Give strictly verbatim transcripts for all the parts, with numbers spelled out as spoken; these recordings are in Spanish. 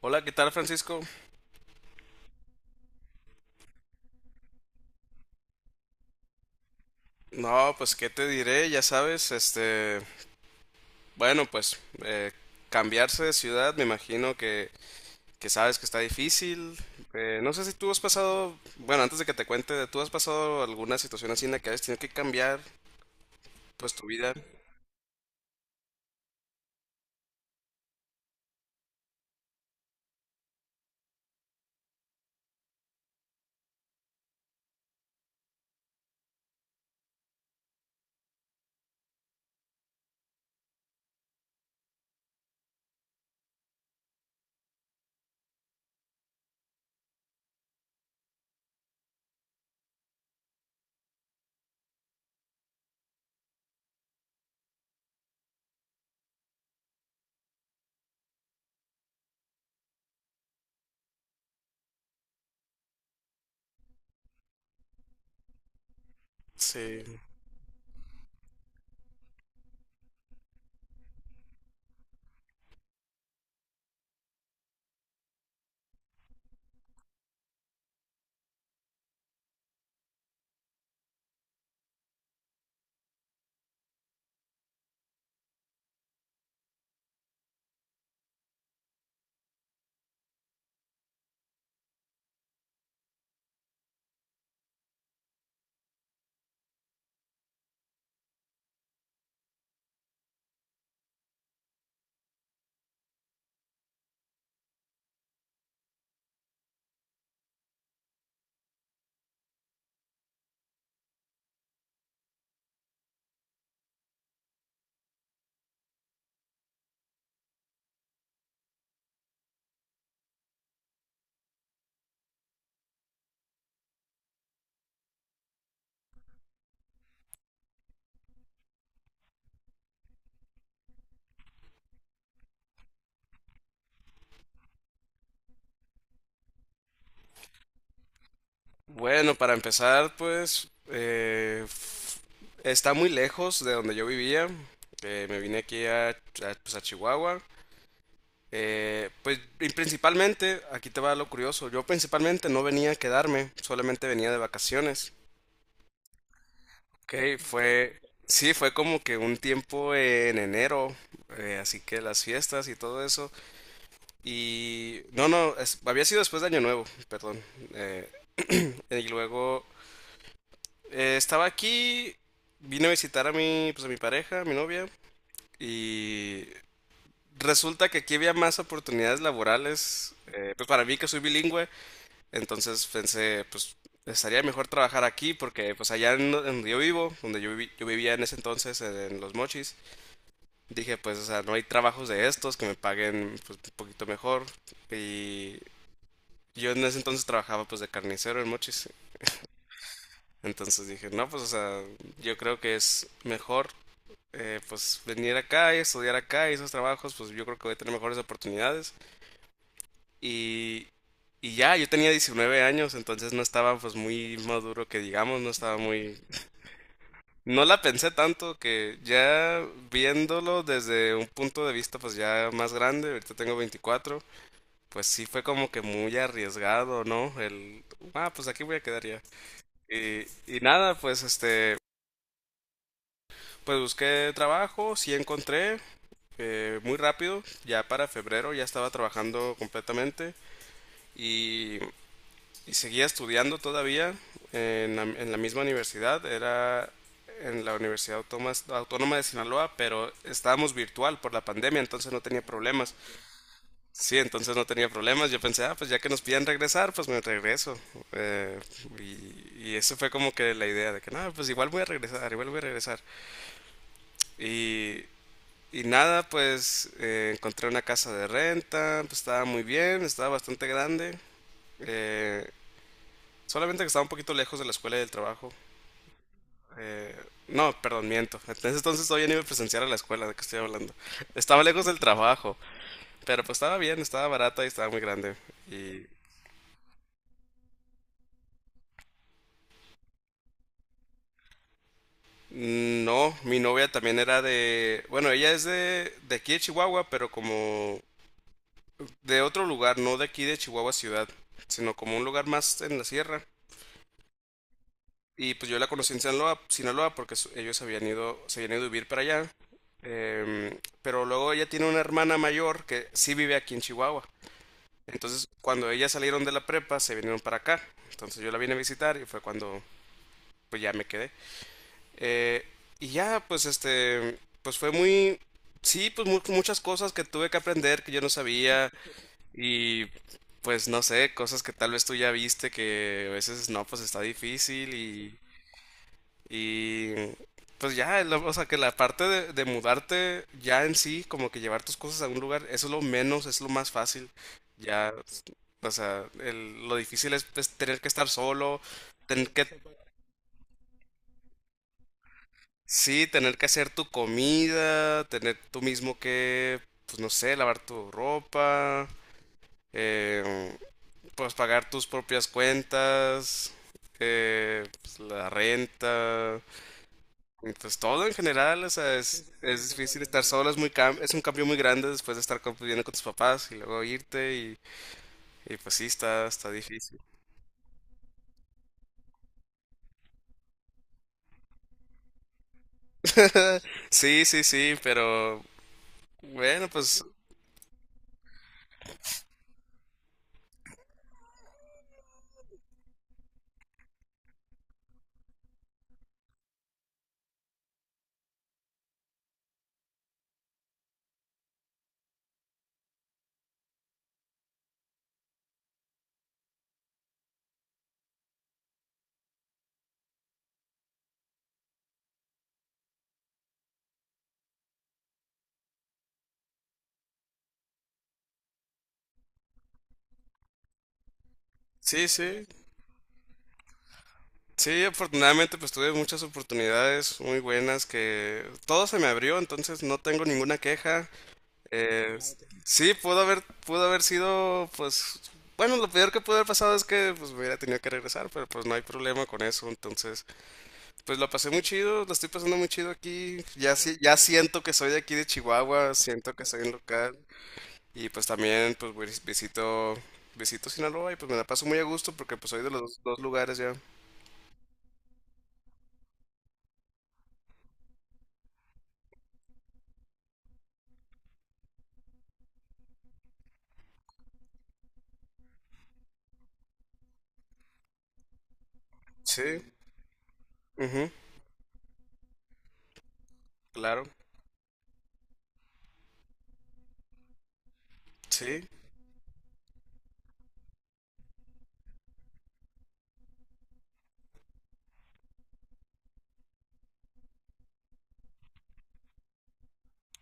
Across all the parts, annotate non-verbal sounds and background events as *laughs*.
Hola, ¿qué tal, Francisco? No, pues qué te diré, ya sabes, este, bueno, pues eh, cambiarse de ciudad, me imagino que, que sabes que está difícil. Eh, no sé si tú has pasado, bueno, antes de que te cuente, ¿tú has pasado alguna situación así en la que has tenido que cambiar, pues, tu vida? Sí. Bueno, para empezar, pues, eh, f- está muy lejos de donde yo vivía. Eh, me vine aquí a, a, pues, a Chihuahua. Eh, pues y principalmente, aquí te va lo curioso, yo principalmente no venía a quedarme, solamente venía de vacaciones. Ok, fue, sí, fue como que un tiempo en enero, eh, así que las fiestas y todo eso. Y no, no, es- había sido después de Año Nuevo, perdón. eh, y luego eh, estaba aquí, vine a visitar a mi, pues a mi pareja, a mi novia, y resulta que aquí había más oportunidades laborales, eh, pues para mí que soy bilingüe. Entonces pensé, pues estaría mejor trabajar aquí porque pues allá en do- en donde yo vivo, donde yo, vivi- yo vivía en ese entonces, en, en Los Mochis, dije pues, o sea, no hay trabajos de estos que me paguen pues un poquito mejor. Y yo en ese entonces trabajaba pues de carnicero en Mochis. Entonces dije, no, pues, o sea, yo creo que es mejor eh, pues venir acá y estudiar acá y esos trabajos, pues yo creo que voy a tener mejores oportunidades. Y, y ya, yo tenía diecinueve años, entonces no estaba pues muy maduro que digamos, no estaba muy... No la pensé tanto que ya viéndolo desde un punto de vista pues ya más grande, ahorita tengo veinticuatro, pues sí fue como que muy arriesgado, ¿no? El, ah, pues aquí voy a quedar ya. Y, y nada, pues este, pues busqué trabajo, sí encontré, eh, muy rápido, ya para febrero ya estaba trabajando completamente. Y Y seguía estudiando todavía en la, en la misma universidad, era en la Universidad Autónoma de Sinaloa, pero estábamos virtual por la pandemia, entonces no tenía problemas. Sí, entonces no tenía problemas. Yo pensé, ah, pues ya que nos piden regresar, pues me regreso. Eh, y, y eso fue como que la idea de que, no, pues igual voy a regresar, igual voy a regresar. Y, y nada, pues eh, encontré una casa de renta, pues estaba muy bien, estaba bastante grande. eh, Solamente que estaba un poquito lejos de la escuela y del trabajo. Eh, no, perdón, miento. Entonces, entonces todavía no iba a presenciar a la escuela de que estoy hablando. Estaba lejos del trabajo, pero pues estaba bien, estaba barata y estaba muy grande. Y no, mi novia también era de... Bueno, ella es de, de aquí de Chihuahua, pero como de otro lugar, no de aquí de Chihuahua ciudad, sino como un lugar más en la sierra. Y pues yo la conocí en Sinaloa, Sinaloa porque su- ellos habían ido, se habían ido a vivir para allá. Em, pero luego ella tiene una hermana mayor que sí vive aquí en Chihuahua. Entonces, cuando ellas salieron de la prepa, se vinieron para acá. Entonces yo la vine a visitar y fue cuando pues ya me quedé. Eh, y ya, pues este, pues fue muy, sí, pues mu- muchas cosas que tuve que aprender que yo no sabía y pues no sé, cosas que tal vez tú ya viste que a veces no, pues está difícil y y pues ya, lo- o sea, que la parte de, de mudarte ya en sí, como que llevar tus cosas a un lugar, eso es lo menos, es lo más fácil. Ya, o sea, el- lo difícil es, pues, tener que estar solo, tener que, sí, tener que hacer tu comida, tener tú mismo que, pues no sé, lavar tu ropa, eh, pues pagar tus propias cuentas, eh, pues, la renta. Entonces, todo en general, o sea, es, es difícil estar solo, es muy cam- es un cambio muy grande después de estar conviviendo con tus papás y luego irte y, y pues sí, está, está difícil. *laughs* Sí, sí, sí, pero bueno, pues sí, sí. Sí, afortunadamente pues tuve muchas oportunidades muy buenas que todo se me abrió, entonces no tengo ninguna queja. Eh, sí, pudo haber, pudo haber sido pues bueno, lo peor que pudo haber pasado es que pues me hubiera tenido que regresar, pero pues no hay problema con eso, entonces pues la pasé muy chido, la estoy pasando muy chido aquí. Ya, sí- ya siento que soy de aquí de Chihuahua, siento que soy un local. Y pues también pues vis- visito visito Sinaloa y pues me la paso muy a gusto porque pues soy de los dos dos lugares ya. Sí, ujú, claro. Sí,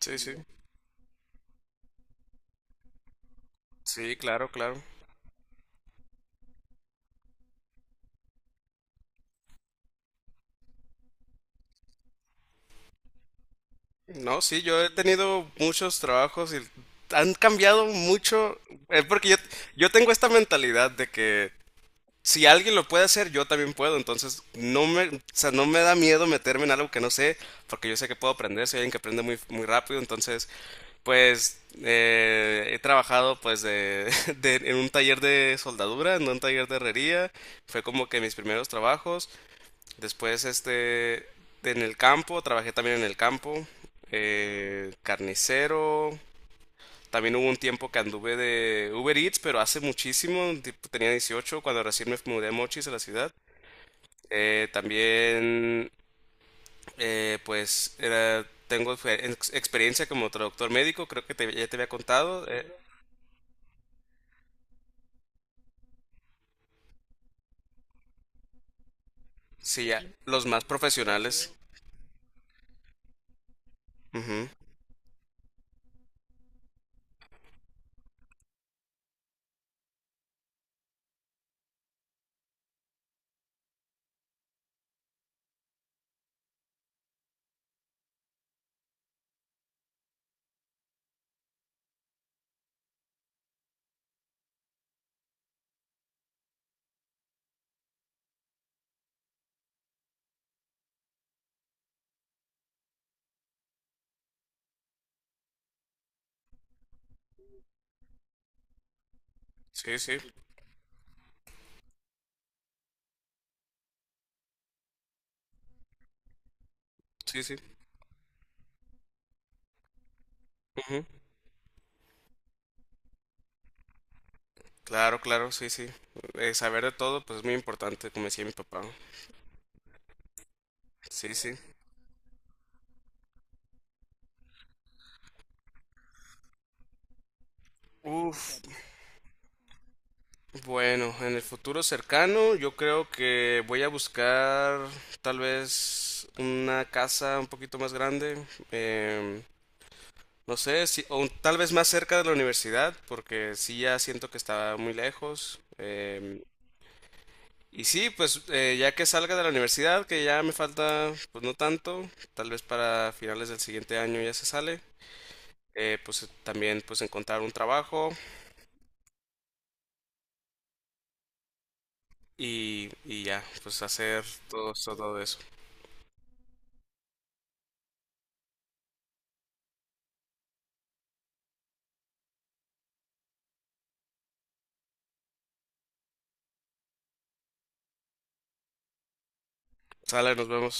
sí, sí. Sí, claro, claro. No, sí, yo he tenido muchos trabajos y han cambiado mucho. Es porque yo, yo tengo esta mentalidad de que si alguien lo puede hacer, yo también puedo. Entonces, no me, o sea, no me da miedo meterme en algo que no sé, porque yo sé que puedo aprender, soy alguien que aprende muy, muy rápido. Entonces, pues eh, he trabajado pues de, *laughs* de- en un taller de soldadura, en un taller de herrería. Fue como que mis primeros trabajos. Después, este, en el campo, trabajé también en el campo. Eh, carnicero, también hubo un tiempo que anduve de Uber Eats, pero hace muchísimo, tipo, tenía dieciocho cuando recién me mudé a Mochis, a la ciudad. Eh, también, eh, pues, era, tengo fe- ex- experiencia como traductor médico, creo que te- ya te había contado. Eh, sí, ya, los más profesionales. Ujú, sí, sí, sí, sí. Ujú, claro, claro, sí, sí. Eh, saber de todo, pues es muy importante, como decía mi papá. Sí, sí. Uf. Bueno, en el futuro cercano yo creo que voy a buscar tal vez una casa un poquito más grande, em, no sé, si, o un- tal vez más cerca de la universidad, porque sí ya siento que está muy lejos. Em, y sí, pues eh, ya que salga de la universidad, que ya me falta pues no tanto, tal vez para finales del siguiente año ya se sale, eh, pues también pues encontrar un trabajo y, y ya, pues hacer todo, todo eso. Sale, nos vemos.